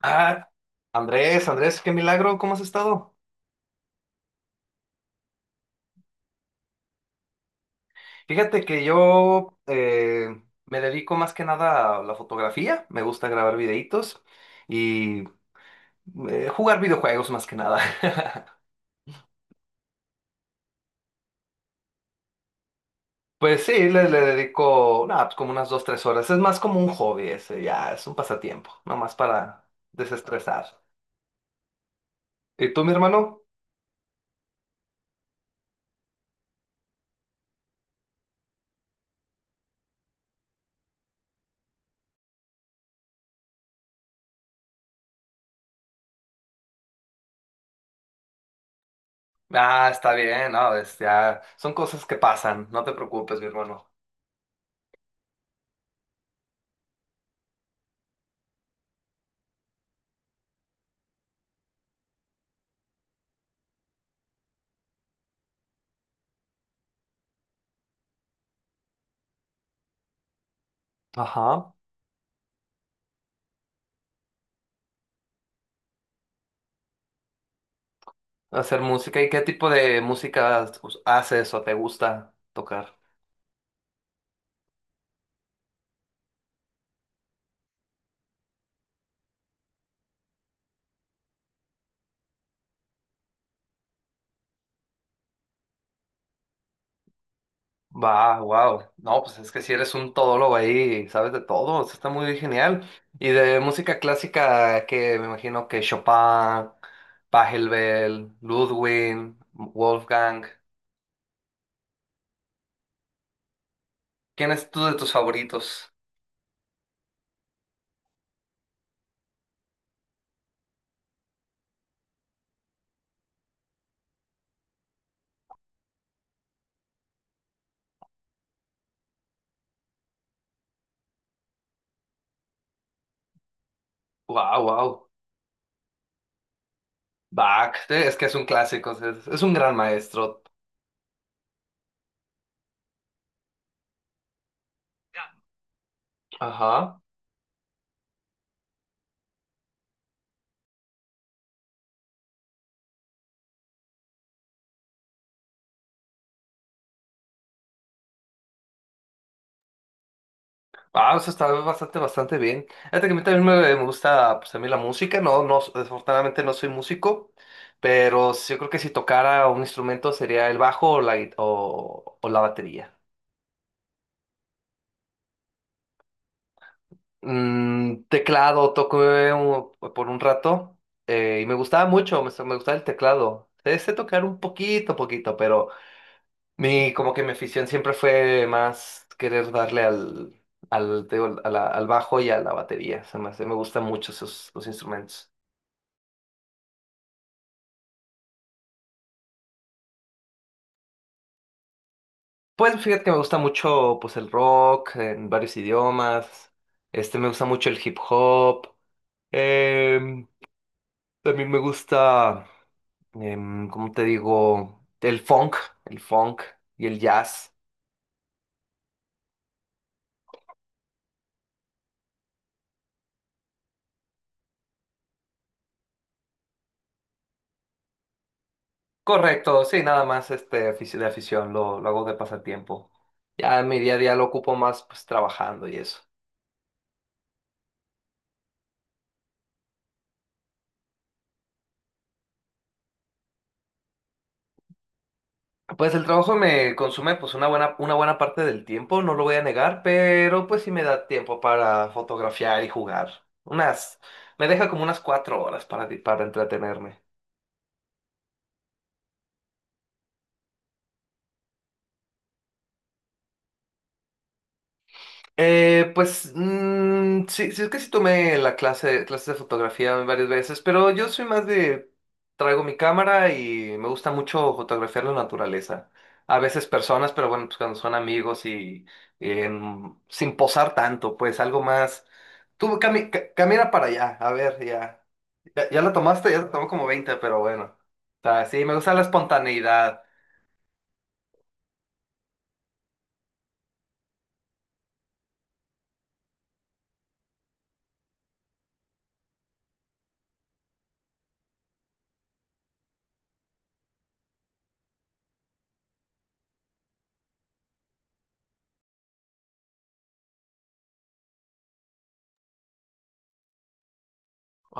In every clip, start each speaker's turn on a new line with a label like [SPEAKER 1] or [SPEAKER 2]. [SPEAKER 1] Ah, Andrés, Andrés, qué milagro, ¿cómo has estado? Fíjate que yo me dedico más que nada a la fotografía, me gusta grabar videitos y jugar videojuegos más que nada. Pues sí, le dedico nada, pues como unas 2, 3 horas. Es más como un hobby ese, ya, es un pasatiempo, nomás para desestresar. ¿Y tú, mi hermano? Ah, está bien, no, ya, son cosas que pasan, no te preocupes, mi hermano. Ajá. Hacer música. ¿Y qué tipo de música haces o te gusta tocar? Va, wow. No, pues es que si eres un todólogo ahí, sabes de todo. Eso está muy genial. Y de música clásica, que me imagino que Chopin, Pachelbel, Ludwig, Wolfgang. ¿Quién es tú de tus favoritos? Wow, wow. Bach, es que es un clásico, es un gran maestro. Ajá. Ah, o sea, está bastante, bastante bien. Fíjate que a mí también me gusta, pues, a mí la música, no, no, desafortunadamente no soy músico, pero sí, yo creo que si tocara un instrumento sería el bajo o o la batería. Teclado, toco por un rato y me gustaba mucho, me gustaba el teclado. Sé tocar un poquito, poquito, pero como que mi afición siempre fue más querer darle al, te digo, al bajo y a la batería. Me gustan mucho esos los instrumentos. Pues fíjate que me gusta mucho pues el rock en varios idiomas. Me gusta mucho el hip hop. em, También me gusta, ¿cómo te digo? El funk y el jazz. Correcto, sí, nada más de afición, lo hago de pasatiempo. Ya en mi día a día lo ocupo más pues trabajando y eso. Pues el trabajo me consume pues una buena parte del tiempo, no lo voy a negar, pero pues sí me da tiempo para fotografiar y jugar. Me deja como unas 4 horas para, entretenerme. Pues sí, sí, es que sí tomé clases de fotografía varias veces, pero yo soy más de, traigo mi cámara y me gusta mucho fotografiar la naturaleza. A veces personas, pero bueno, pues cuando son amigos y sin posar tanto, pues algo más. Tú camina para allá, a ver, ya. Ya, ya la tomaste, ya te tomó como 20 pero bueno. O sea, sí, me gusta la espontaneidad.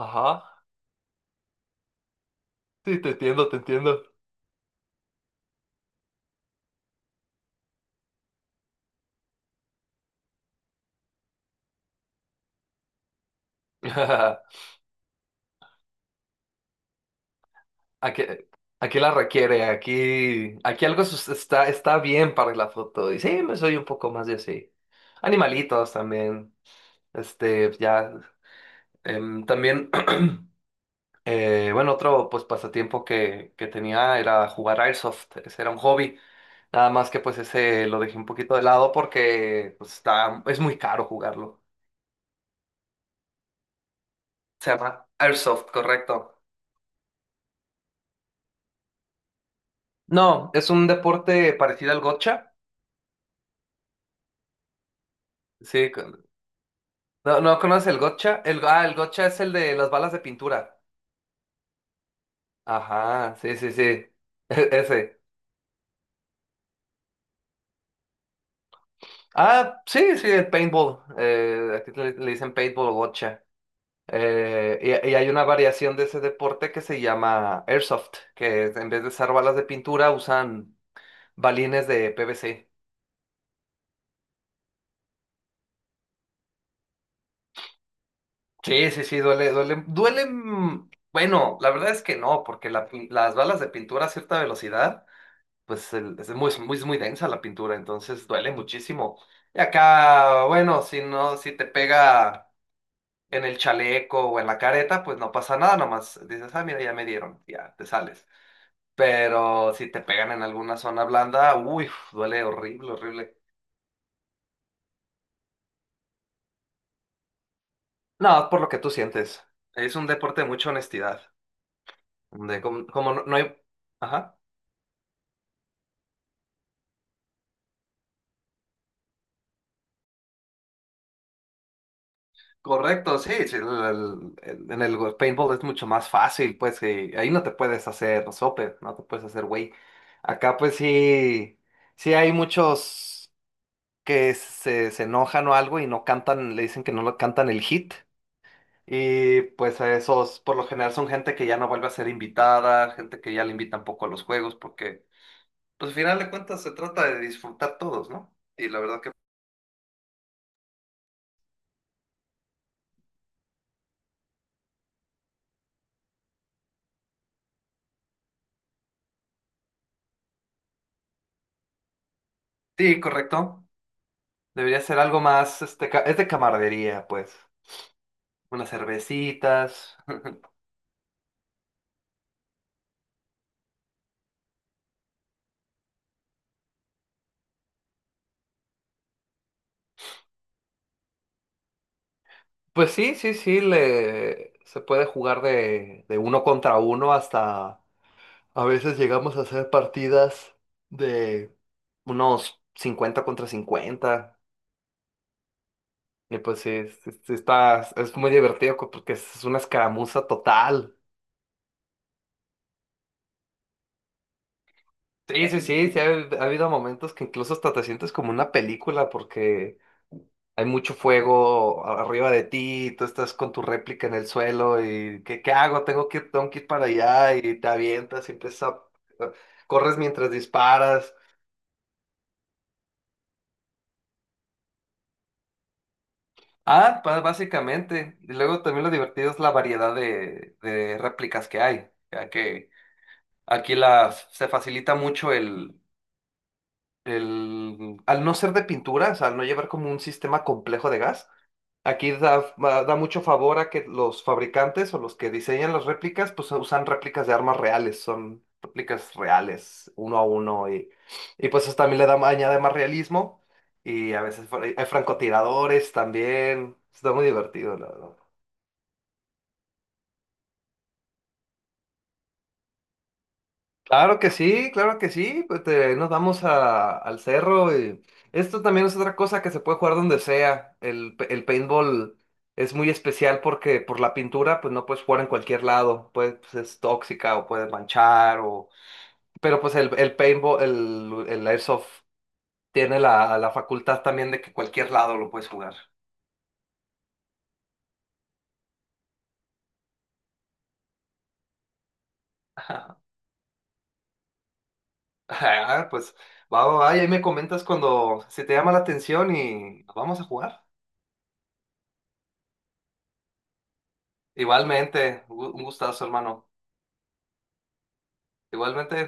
[SPEAKER 1] Ajá, sí, te entiendo, te entiendo. Aquí, Aquí la requiere, aquí algo está, bien para la foto. Y sí, me soy un poco más de así. Animalitos también. Ya. También, bueno, otro pues pasatiempo que tenía era jugar Airsoft. Ese era un hobby. Nada más que pues ese lo dejé un poquito de lado porque pues, es muy caro jugarlo. Se llama Airsoft, correcto. No, es un deporte parecido al gotcha. Sí, no, no conoces el gotcha. El gotcha es el de las balas de pintura. Ajá, sí, sí, sí. Ese. Ah, sí, sí, el paintball. Aquí le dicen paintball o gotcha. Y hay una variación de ese deporte que se llama airsoft, en vez de usar balas de pintura usan balines de PVC. Sí, sí, sí, duele, duele, duele. Bueno, la verdad es que no, porque las balas de pintura a cierta velocidad. Pues es muy, muy, muy densa la pintura, entonces duele muchísimo. Y acá, bueno, si te pega en el chaleco o en la careta, pues no pasa nada, nomás dices, ah, mira, ya me dieron, ya te sales. Pero si te pegan en alguna zona blanda, uy, duele horrible, horrible. No, por lo que tú sientes. Es un deporte de mucha honestidad, de como no, no hay... Ajá. Correcto, sí, sí, en el paintball es mucho más fácil, pues que ahí no te puedes hacer sope, no te puedes hacer güey. Acá pues sí, sí hay muchos que se enojan o algo y no cantan, le dicen que no lo cantan el hit. Y pues a esos por lo general son gente que ya no vuelve a ser invitada, gente que ya le invitan poco a los juegos, porque pues al final de cuentas se trata de disfrutar todos, ¿no? Y la verdad que sí, correcto. Debería ser algo más, es de camaradería, pues. Unas cervecitas. Pues sí, sí, sí, le se puede jugar de, uno contra uno hasta a veces llegamos a hacer partidas de unos 50 contra 50. Y pues sí, sí, sí es muy divertido porque es una escaramuza total. Sí, sí, sí, sí, ha habido momentos que incluso hasta te sientes como una película porque hay mucho fuego arriba de ti, y tú estás con tu réplica en el suelo y ¿qué hago? Tengo que ir para allá y te avientas y empiezas a... Corres mientras disparas. Ah, básicamente. Y luego también lo divertido es la variedad de réplicas que hay, ya que se facilita mucho el... Al no ser de pinturas, al no llevar como un sistema complejo de gas. Aquí da mucho favor a que los fabricantes o los que diseñan las réplicas, pues usan réplicas de armas reales, son réplicas reales, uno a uno, y pues eso también le da, añade más realismo, y a veces hay francotiradores también, está muy divertido, la verdad. Claro que sí, claro que sí. Pues nos vamos al cerro y esto también es otra cosa que se puede jugar donde sea. El paintball es muy especial porque por la pintura pues no puedes jugar en cualquier lado. Pues, es tóxica o puede manchar o... Pero pues el paintball, el airsoft tiene la facultad también de que cualquier lado lo puedes jugar. Ah, pues va, va, va, y ahí me comentas cuando si te llama la atención y vamos a jugar. Igualmente, un gustazo, hermano. Igualmente.